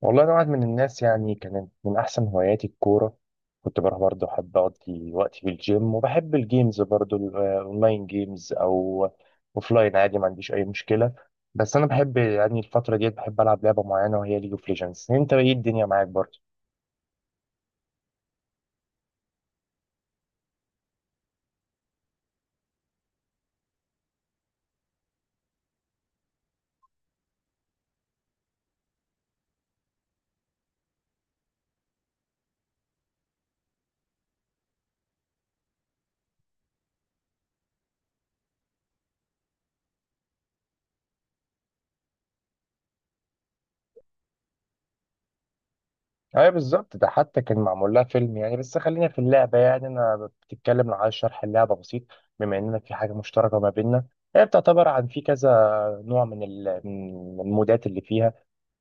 والله أنا واحد من الناس، يعني كانت من أحسن هواياتي الكورة. كنت بروح برضه، أحب أقضي وقتي في الجيم وبحب الجيمز برضه، الأونلاين جيمز أو أوفلاين، عادي ما عنديش أي مشكلة. بس أنا بحب يعني الفترة ديت بحب ألعب لعبة معينة، وهي ليج أوف ليجندز. أنت إيه الدنيا معاك برضه؟ أيوه بالظبط، ده حتى كان معمول لها فيلم يعني. بس خلينا في اللعبة، يعني أنا بتتكلم لو عايز شرح اللعبة بسيط، بما إننا في حاجة مشتركة ما بيننا. هي بتعتبر عن في كذا نوع من من المودات اللي فيها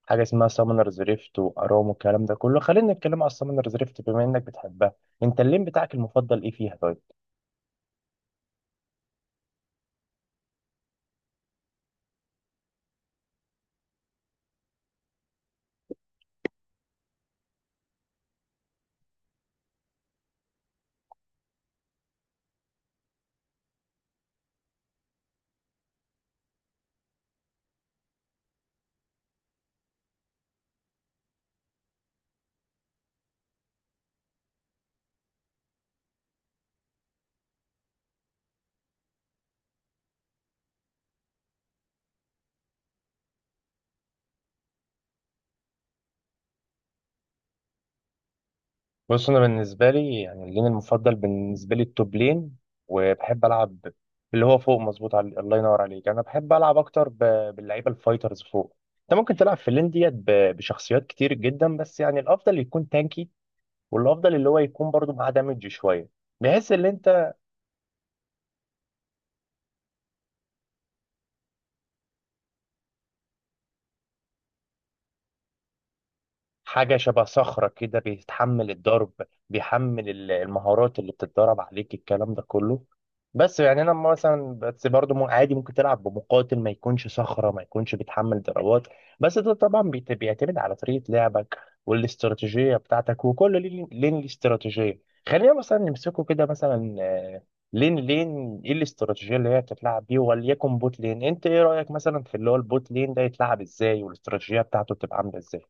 حاجه اسمها سامونرز ريفت وارام والكلام ده كله. خلينا نتكلم على السامونرز ريفت بما انك بتحبها. انت اللين بتاعك المفضل ايه فيها؟ طيب، بص انا بالنسبه لي يعني اللين المفضل بالنسبه لي التوب لين، وبحب العب اللي هو فوق، مظبوط، على الله ينور عليك. انا بحب العب اكتر باللعيبه الفايترز فوق. انت ممكن تلعب في اللين ديت بشخصيات كتير جدا، بس يعني الافضل يكون تانكي، والافضل اللي هو يكون برضه معاه دامج شويه، بحيث ان انت حاجة شبه صخرة كده بيتحمل الضرب، بيحمل المهارات اللي بتتدرب عليك، الكلام ده كله. بس يعني انا مثلا بس برضه عادي ممكن تلعب بمقاتل ما يكونش صخرة، ما يكونش بيتحمل ضربات. بس ده طبعا بيعتمد على طريقة لعبك والاستراتيجية بتاعتك، وكل لين ليه استراتيجية. خلينا مثلا نمسكه كده مثلا، لين ايه الاستراتيجية اللي هي بتتلعب بيه، وليكن بوت لين. انت ايه رأيك مثلا في اللي هو البوت لين ده يتلعب ازاي، والاستراتيجية بتاعته بتبقى عاملة ازاي؟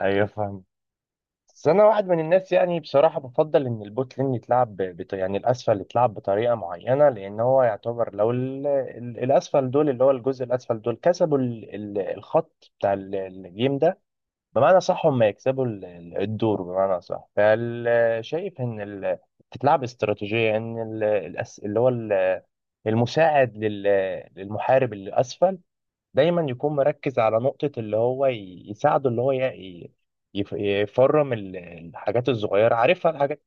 ايوه فاهم. بس انا واحد من الناس يعني بصراحه بفضل ان البوت لين يتلعب يعني الاسفل يتلعب بطريقه معينه، لان هو يعتبر لو الاسفل دول، اللي هو الجزء الاسفل دول، كسبوا الخط بتاع الجيم ده بمعنى صح، هم يكسبوا الدور بمعنى صح. فشايف ان تتلعب استراتيجيه ان اللي هو المساعد للمحارب اللي اسفل دايما يكون مركز على نقطة اللي هو يساعده، اللي هو يفرم الحاجات الصغيرة، عارفها الحاجات،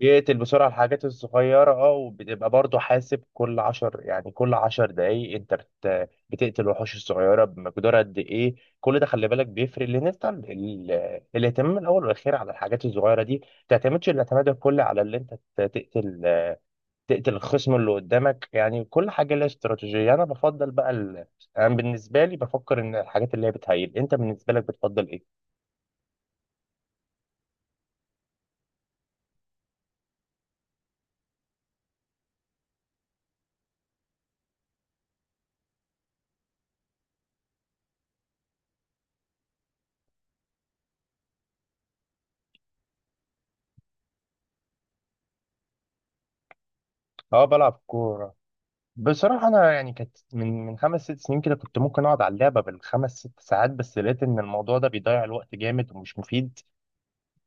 يقتل بسرعة الحاجات الصغيرة. اه، وبتبقى برضه حاسب كل عشر يعني كل عشر دقايق انت بتقتل الوحوش الصغيرة بمقدار قد ايه. كل ده خلي بالك بيفرق، لان انت الاهتمام الاول والاخير على الحاجات الصغيرة دي، ما تعتمدش الاعتماد الكلي على اللي انت تقتل، تقتل الخصم اللي قدامك. يعني كل حاجة لها استراتيجية. يعني أنا بفضل بقى أنا بالنسبة لي بفكر إن الحاجات اللي هي بتهيل. أنت بالنسبة لك بتفضل إيه؟ أه بلعب كورة. بصراحة أنا يعني كانت من خمس ست سنين كده كنت ممكن أقعد على اللعبة بالخمس ست ساعات، بس لقيت إن الموضوع ده بيضيع الوقت جامد ومش مفيد.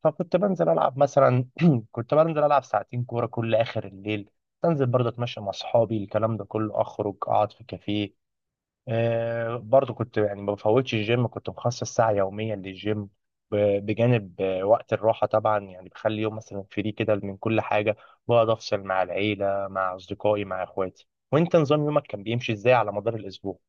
فكنت بنزل ألعب مثلا، كنت بنزل ألعب ساعتين كورة كل آخر الليل، أنزل برضه أتمشى مع أصحابي الكلام ده كله، أخرج أقعد في كافيه. آه برضو كنت يعني ما بفوتش الجيم، كنت مخصص ساعة يوميا للجيم، بجانب وقت الراحة طبعا. يعني بخلي يوم مثلا فري كده من كل حاجة، بقعد أفصل مع العيلة مع أصدقائي مع إخواتي. وأنت نظام يومك كان بيمشي إزاي على مدار الأسبوع؟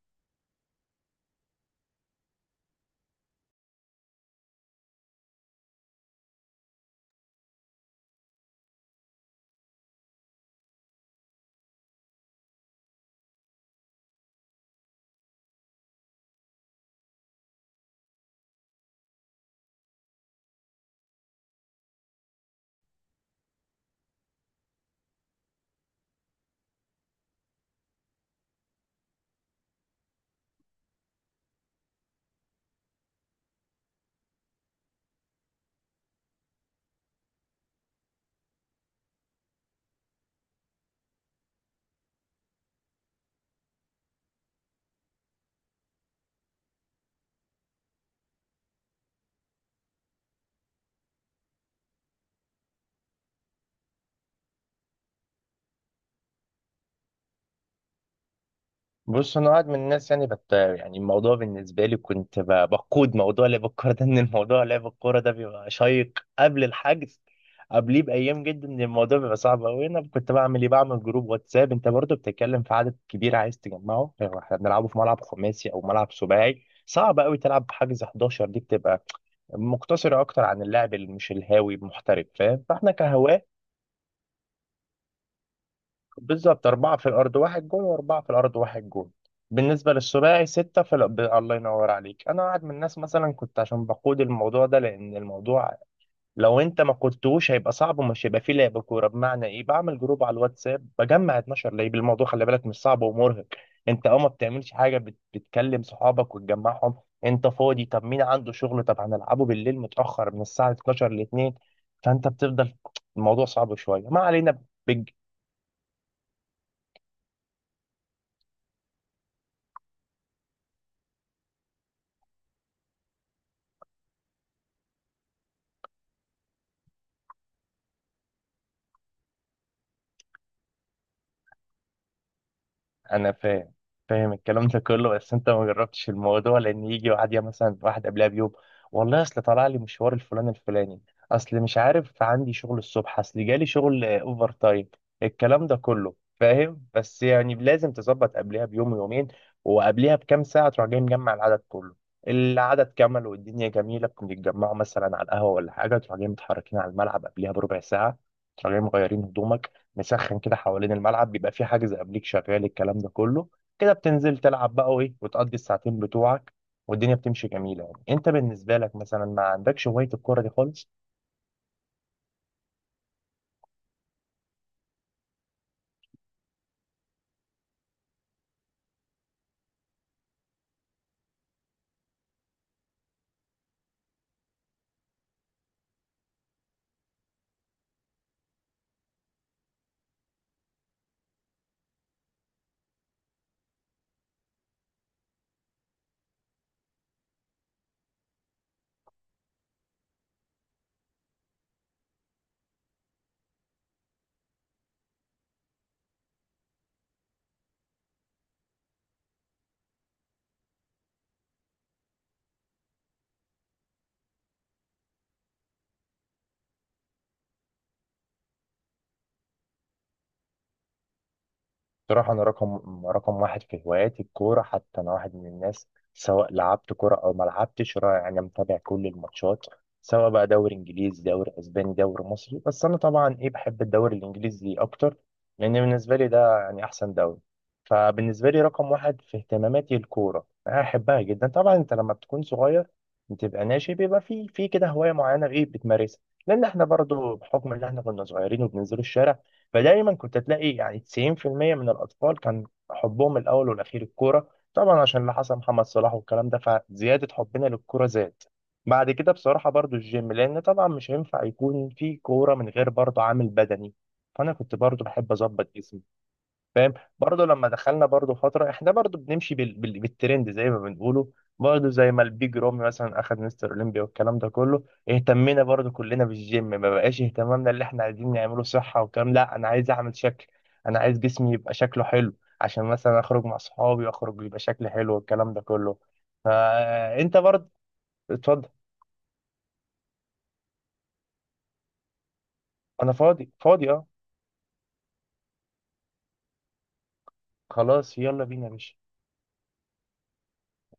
بص انا واحد من الناس يعني بت يعني الموضوع بالنسبه لي كنت بقود موضوع لعب الكوره ده، ان الموضوع لعب الكوره ده بيبقى شيق قبل الحجز، قبليه بايام جدا، ان الموضوع بيبقى صعب قوي. انا كنت بعمل ايه؟ بعمل جروب واتساب. انت برضو بتتكلم في عدد كبير عايز تجمعه، يعني احنا بنلعبه في ملعب خماسي او ملعب سباعي، صعب قوي تلعب حجز 11، دي بتبقى مقتصره اكتر عن اللاعب اللي مش الهاوي، محترف، فاهم؟ فاحنا كهواه بالظبط أربعة في الأرض واحد جون، وأربعة في الأرض واحد جون. بالنسبة للثنائي ستة في الأرض. الله ينور عليك. أنا واحد من الناس مثلا كنت عشان بقود الموضوع ده، لأن الموضوع لو أنت ما قودتوش هيبقى صعب ومش هيبقى فيه لعب كورة. بمعنى إيه؟ بعمل جروب على الواتساب بجمع 12 لعيب. الموضوع خلي بالك مش صعب ومرهق. أنت أه ما بتعملش حاجة، بتكلم صحابك وتجمعهم. أنت فاضي؟ طب مين عنده شغل؟ طب هنلعبه بالليل متأخر من الساعة 12 ل 2. فأنت بتفضل. الموضوع صعب شوية، ما علينا. انا فاهم، فاهم الكلام ده كله. بس انت ما جربتش الموضوع، لان يجي واحد، يا مثلا واحد قبلها بيوم، والله اصل طلع لي مشوار الفلان الفلاني، اصل مش عارف عندي شغل الصبح، اصل جالي شغل اوفر تايم، الكلام ده كله، فاهم؟ بس يعني لازم تظبط قبلها بيوم ويومين، وقبلها بكام ساعة تروح جاي مجمع العدد كله. العدد كمل والدنيا جميلة، بنتجمعوا مثلا على القهوة ولا حاجة، تروح جاي متحركين على الملعب قبلها بربع ساعة، تروح جاي مغيرين هدومك، مسخن كده حوالين الملعب، بيبقى في حاجز قبليك شغال الكلام ده كله، كده بتنزل تلعب بقى، وايه، وتقضي الساعتين بتوعك، والدنيا بتمشي جميله. يعني انت بالنسبه لك مثلا ما عندكش هوايه الكوره دي خالص؟ بصراحة أنا رقم واحد في هواياتي الكورة. حتى أنا واحد من الناس سواء لعبت كورة أو ما لعبتش أنا متابع كل الماتشات، سواء بقى دوري إنجليزي دوري أسباني دوري مصري. بس أنا طبعا إيه، بحب الدوري الإنجليزي أكتر، لأن بالنسبة لي ده يعني أحسن دوري. فبالنسبة لي رقم واحد في اهتماماتي الكورة، أنا أحبها جدا. طبعا أنت لما بتكون صغير بتبقى ناشئ، بيبقى في كده هواية معينة إيه بتمارسها، لأن إحنا برضو بحكم إن إحنا كنا صغيرين وبننزلوا الشارع، فدايما كنت تلاقي يعني 90% من الأطفال كان حبهم الأول والأخير الكورة. طبعا عشان اللي حصل محمد صلاح والكلام ده، فزيادة حبنا للكورة زاد. بعد كده بصراحة برضو الجيم، لأن طبعا مش هينفع يكون في كورة من غير برضو عامل بدني، فأنا كنت برضو بحب أظبط جسمي، فاهم؟ برضه لما دخلنا برضه فتره احنا برضه بنمشي بالترند زي ما بنقوله، برضه زي ما البيج رامي مثلا اخذ مستر اولمبيا والكلام ده كله، اهتمينا برضه كلنا بالجيم، ما بقاش اهتمامنا اللي احنا عايزين نعمله صحه والكلام، لا انا عايز اعمل شكل، انا عايز جسمي يبقى شكله حلو عشان مثلا اخرج مع صحابي واخرج يبقى شكلي حلو والكلام ده كله. فانت برضه، اتفضل. انا فاضي، فاضي، اه. خلاص يلا بينا يا باشا.